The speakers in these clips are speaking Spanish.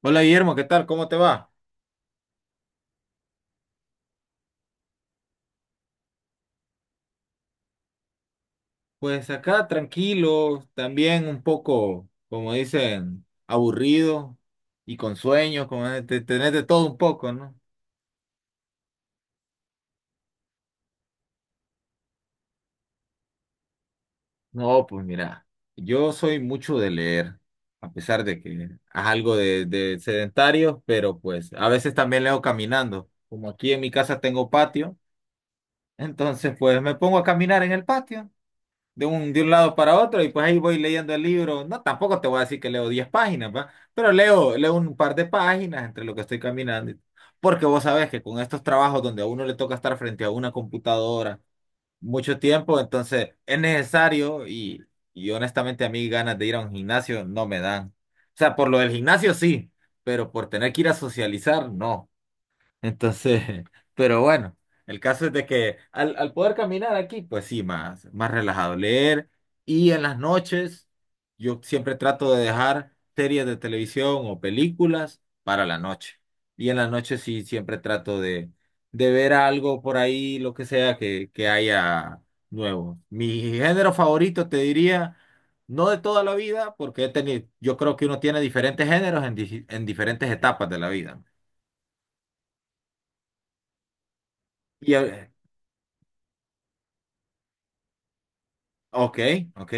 Hola Guillermo, ¿qué tal? ¿Cómo te va? Pues acá tranquilo, también un poco, como dicen, aburrido y con sueños, como de tener de todo un poco, ¿no? No, pues mira, yo soy mucho de leer, a pesar de que es algo de sedentario, pero pues a veces también leo caminando. Como aquí en mi casa tengo patio, entonces pues me pongo a caminar en el patio. De un lado para otro y pues ahí voy leyendo el libro. No, tampoco te voy a decir que leo 10 páginas, ¿va? Pero leo un par de páginas entre lo que estoy caminando. Porque vos sabés que con estos trabajos donde a uno le toca estar frente a una computadora mucho tiempo, entonces es necesario y honestamente a mí ganas de ir a un gimnasio no me dan. O sea, por lo del gimnasio sí, pero por tener que ir a socializar, no. Entonces, pero bueno, el caso es de que al poder caminar aquí, pues sí, más, más relajado leer. Y en las noches, yo siempre trato de dejar series de televisión o películas para la noche. Y en las noches sí, siempre trato de ver algo por ahí, lo que sea que haya nuevo. Mi género favorito, te diría, no de toda la vida, porque he tenido, yo creo que uno tiene diferentes géneros en diferentes etapas de la vida. Y, eh, Ok, ok.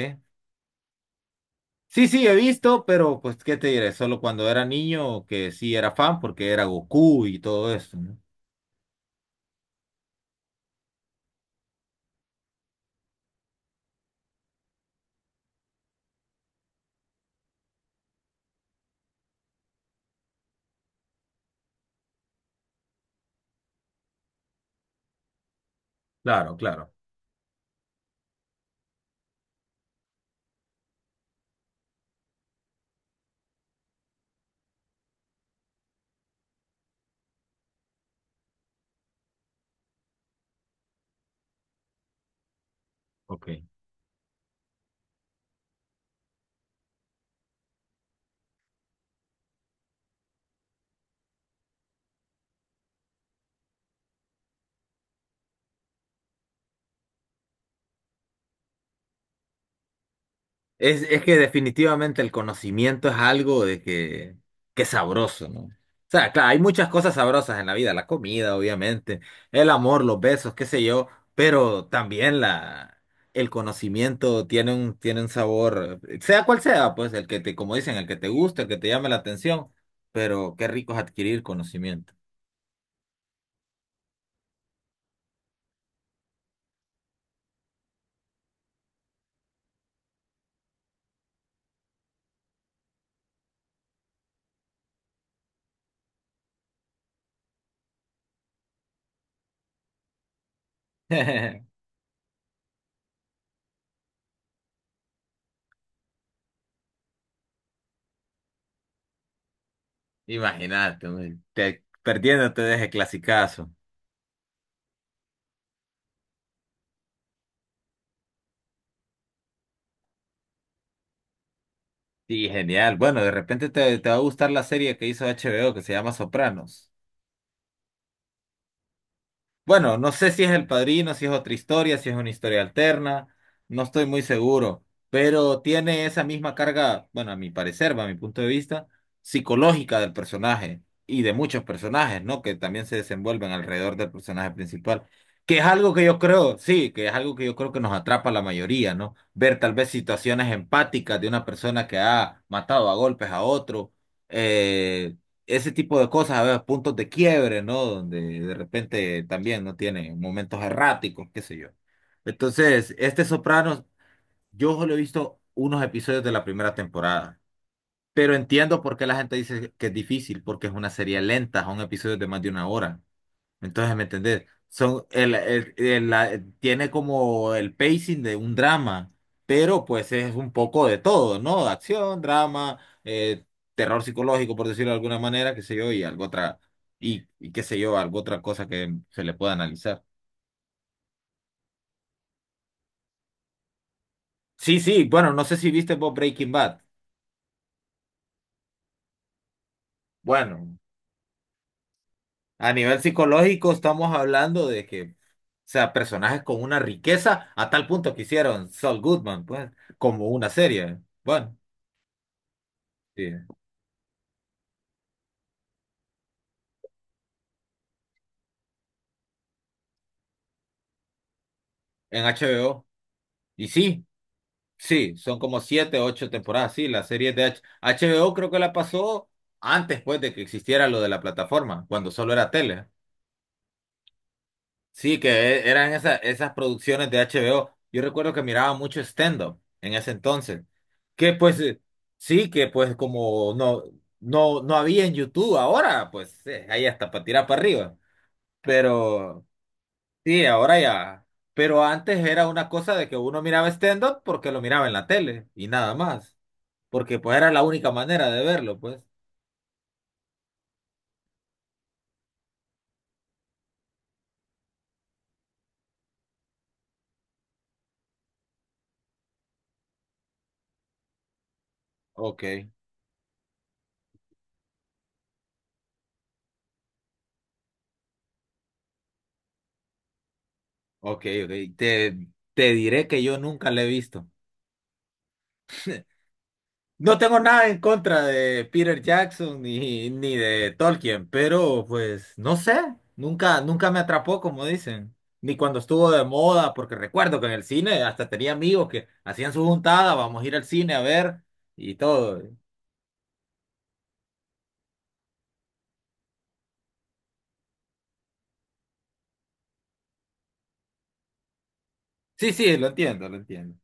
Sí, sí, he visto, pero pues, ¿qué te diré? Solo cuando era niño que sí era fan porque era Goku y todo eso, ¿no? Claro, claro. Ok. Es que definitivamente el conocimiento es algo de que es sabroso, ¿no? O sea, claro, hay muchas cosas sabrosas en la vida, la comida, obviamente, el amor, los besos, qué sé yo, pero también el conocimiento tiene un sabor, sea cual sea, pues el que te, como dicen, el que te guste, el que te llame la atención, pero qué rico es adquirir conocimiento. Imagínate, hombre, perdiéndote de ese clasicazo. Sí, genial. Bueno, de repente te va a gustar la serie que hizo HBO que se llama Sopranos. Bueno, no sé si es El Padrino, si es otra historia, si es una historia alterna, no estoy muy seguro, pero tiene esa misma carga, bueno, a mi parecer, va a mi punto de vista, psicológica del personaje y de muchos personajes, ¿no? Que también se desenvuelven alrededor del personaje principal, que es algo que yo creo, sí, que es algo que yo creo que nos atrapa a la mayoría, ¿no? Ver tal vez situaciones empáticas de una persona que ha matado a golpes a otro. eh, Ese tipo de cosas, a ver, puntos de quiebre, ¿no? Donde de repente también no tiene momentos erráticos, qué sé yo. Entonces, este Sopranos, yo solo he visto unos episodios de la primera temporada, pero entiendo por qué la gente dice que es difícil, porque es una serie lenta, son episodios de más de una hora. Entonces, ¿me entendés? Son el- la- Tiene como el pacing de un drama, pero pues es un poco de todo, ¿no? Acción, drama, eh, terror psicológico, por decirlo de alguna manera, qué sé yo, y algo otra, y qué sé yo, algo otra cosa que se le pueda analizar. Sí, sí, bueno, no sé si viste vos Breaking Bad. Bueno, a nivel psicológico estamos hablando de que, o sea, personajes con una riqueza a tal punto que hicieron Saul Goodman, pues, como una serie. Bueno. Sí. En HBO. Y sí, sí, son como siete, ocho temporadas. Sí, la serie de HBO creo que la pasó antes, pues, de que existiera lo de la plataforma, cuando solo era tele. Sí, que eran esas producciones de HBO. Yo recuerdo que miraba mucho stand-up en ese entonces. Que pues, sí, que pues como no, no, no había en YouTube ahora, pues ahí hasta para tirar para arriba. Pero. Sí, ahora ya. Pero antes era una cosa de que uno miraba stand-up porque lo miraba en la tele y nada más. Porque pues era la única manera de verlo, pues. Ok, ok, ok. Te, te diré que yo nunca lo he visto. No tengo nada en contra de Peter Jackson ni de Tolkien, pero pues no sé, nunca, nunca me atrapó, como dicen. Ni cuando estuvo de moda, porque recuerdo que en el cine hasta tenía amigos que hacían su juntada, vamos a ir al cine a ver y todo. Sí, sí, lo entiendo, lo entiendo.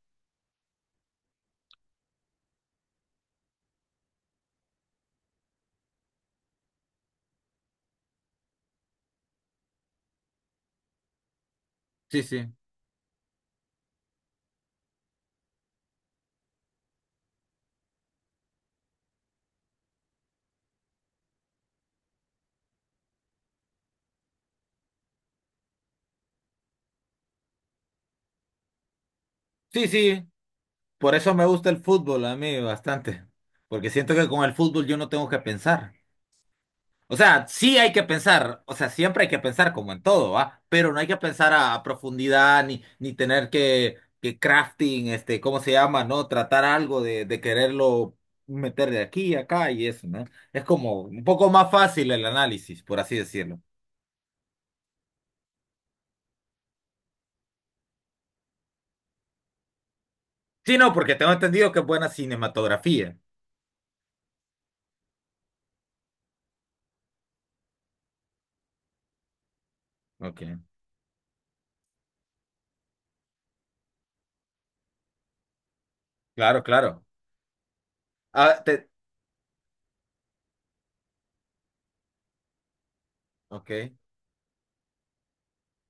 Sí, sí. Sí, sí, por eso me gusta el fútbol a mí bastante, porque siento que con el fútbol yo no tengo que pensar. O sea, sí hay que pensar, o sea, siempre hay que pensar como en todo, ¿va? Pero no hay que pensar a profundidad ni tener que crafting, este, ¿cómo se llama? ¿No? Tratar algo de quererlo meter de aquí a acá y eso, ¿no? Es como un poco más fácil el análisis, por así decirlo. Sí, no, porque tengo entendido que es buena cinematografía. Ok, claro, claro. Ah, ok.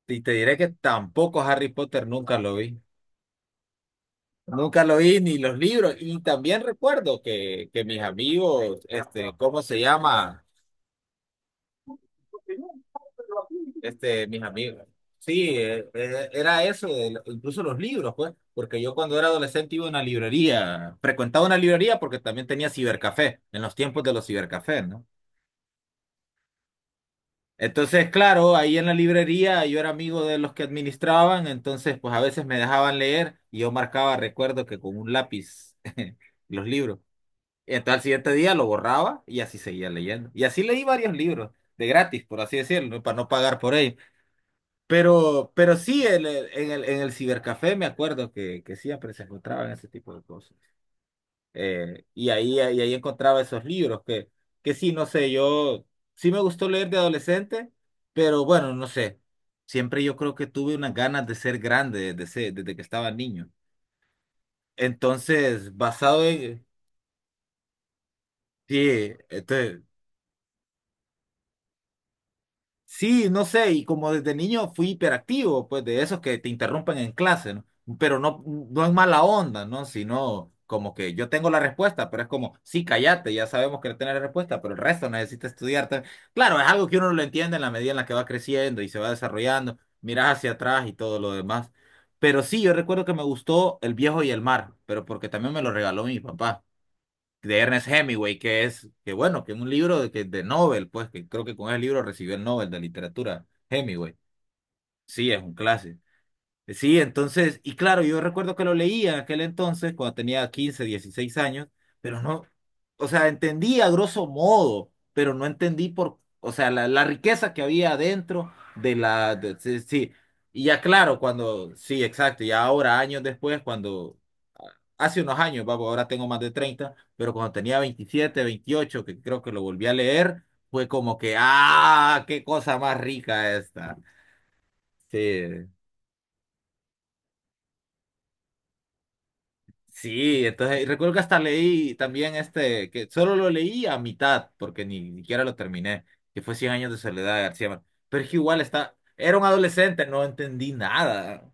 Y te diré que tampoco Harry Potter nunca lo vi. Nunca lo vi ni los libros. Y también recuerdo que mis amigos, este, ¿cómo se llama? Este, mis amigos. Sí, era eso, incluso los libros, pues, porque yo cuando era adolescente iba a una librería, frecuentaba una librería porque también tenía cibercafé, en los tiempos de los cibercafés, ¿no? Entonces, claro, ahí en la librería yo era amigo de los que administraban, entonces pues a veces me dejaban leer y yo marcaba, recuerdo que con un lápiz los libros. Y entonces al siguiente día lo borraba y así seguía leyendo. Y así leí varios libros, de gratis, por así decirlo, ¿no? Para no pagar por ellos. Pero sí, en el cibercafé me acuerdo que siempre se encontraban ese tipo de cosas. Y ahí encontraba esos libros que sí, no sé, yo sí me gustó leer de adolescente, pero bueno, no sé. Siempre yo creo que tuve unas ganas de ser grande desde que estaba niño. Entonces, basado en... Sí, entonces Sí, no sé, y como desde niño fui hiperactivo, pues de esos que te interrumpen en clase, ¿no? Pero no, no es mala onda, ¿no? Sino como que yo tengo la respuesta, pero es como, sí, cállate, ya sabemos que no tienes la respuesta, pero el resto necesita estudiar también. Claro, es algo que uno lo entiende en la medida en la que va creciendo y se va desarrollando, miras hacia atrás y todo lo demás. Pero sí, yo recuerdo que me gustó El Viejo y el Mar, pero porque también me lo regaló mi papá de Ernest Hemingway, que es, que bueno, que es un libro de, que, de Nobel, pues, que creo que con ese libro recibió el Nobel de literatura, Hemingway. Sí, es un clásico. Sí, entonces, y claro, yo recuerdo que lo leía en aquel entonces, cuando tenía 15, 16 años, pero no, o sea, entendí a grosso modo, pero no entendí por, o sea, la riqueza que había dentro sí, sí. Y ya claro, cuando, sí, exacto, ya ahora, años después, cuando hace unos años, papo, ahora tengo más de 30 pero cuando tenía 27, 28 que creo que lo volví a leer, fue como que, ah, qué cosa más rica esta. Sí, sí, entonces y recuerdo que hasta leí también este, que solo lo leí a mitad, porque ni siquiera lo terminé, que fue Cien años de soledad de García Márquez. Pero es que igual está, era un adolescente, no entendí nada.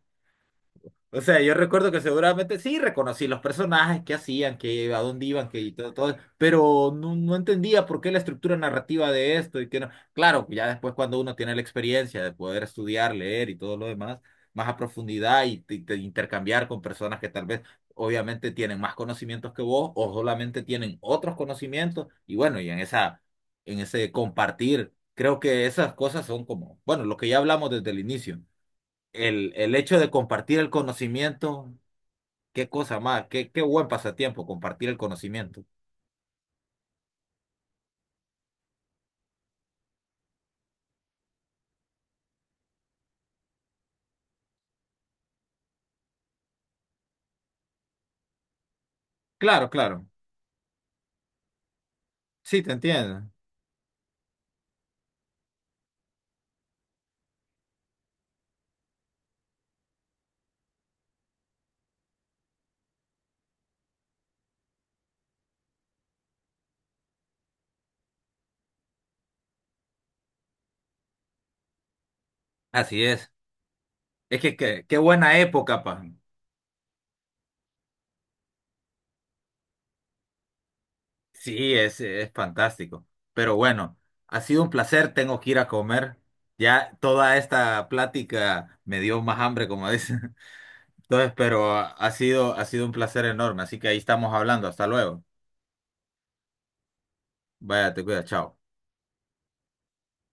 O sea, yo recuerdo que seguramente sí reconocí los personajes, qué hacían, que a dónde iban, que y todo, todo, pero no, no entendía por qué la estructura narrativa de esto y que no. Claro, pues ya después cuando uno tiene la experiencia de poder estudiar, leer y todo lo demás, más a profundidad y, te intercambiar con personas que tal vez obviamente tienen más conocimientos que vos o solamente tienen otros conocimientos y bueno, y en esa, en ese compartir, creo que esas cosas son como, bueno, lo que ya hablamos desde el inicio el hecho de compartir el conocimiento, qué cosa más, qué buen pasatiempo compartir el conocimiento. Claro, claro. Sí, te entiendo. Así es. Es qué, buena época, pa. Sí, es fantástico. Pero bueno, ha sido un placer, tengo que ir a comer. Ya toda esta plática me dio más hambre, como dicen. Entonces, pero ha sido un placer enorme. Así que ahí estamos hablando. Hasta luego. Vaya, te cuida, chao.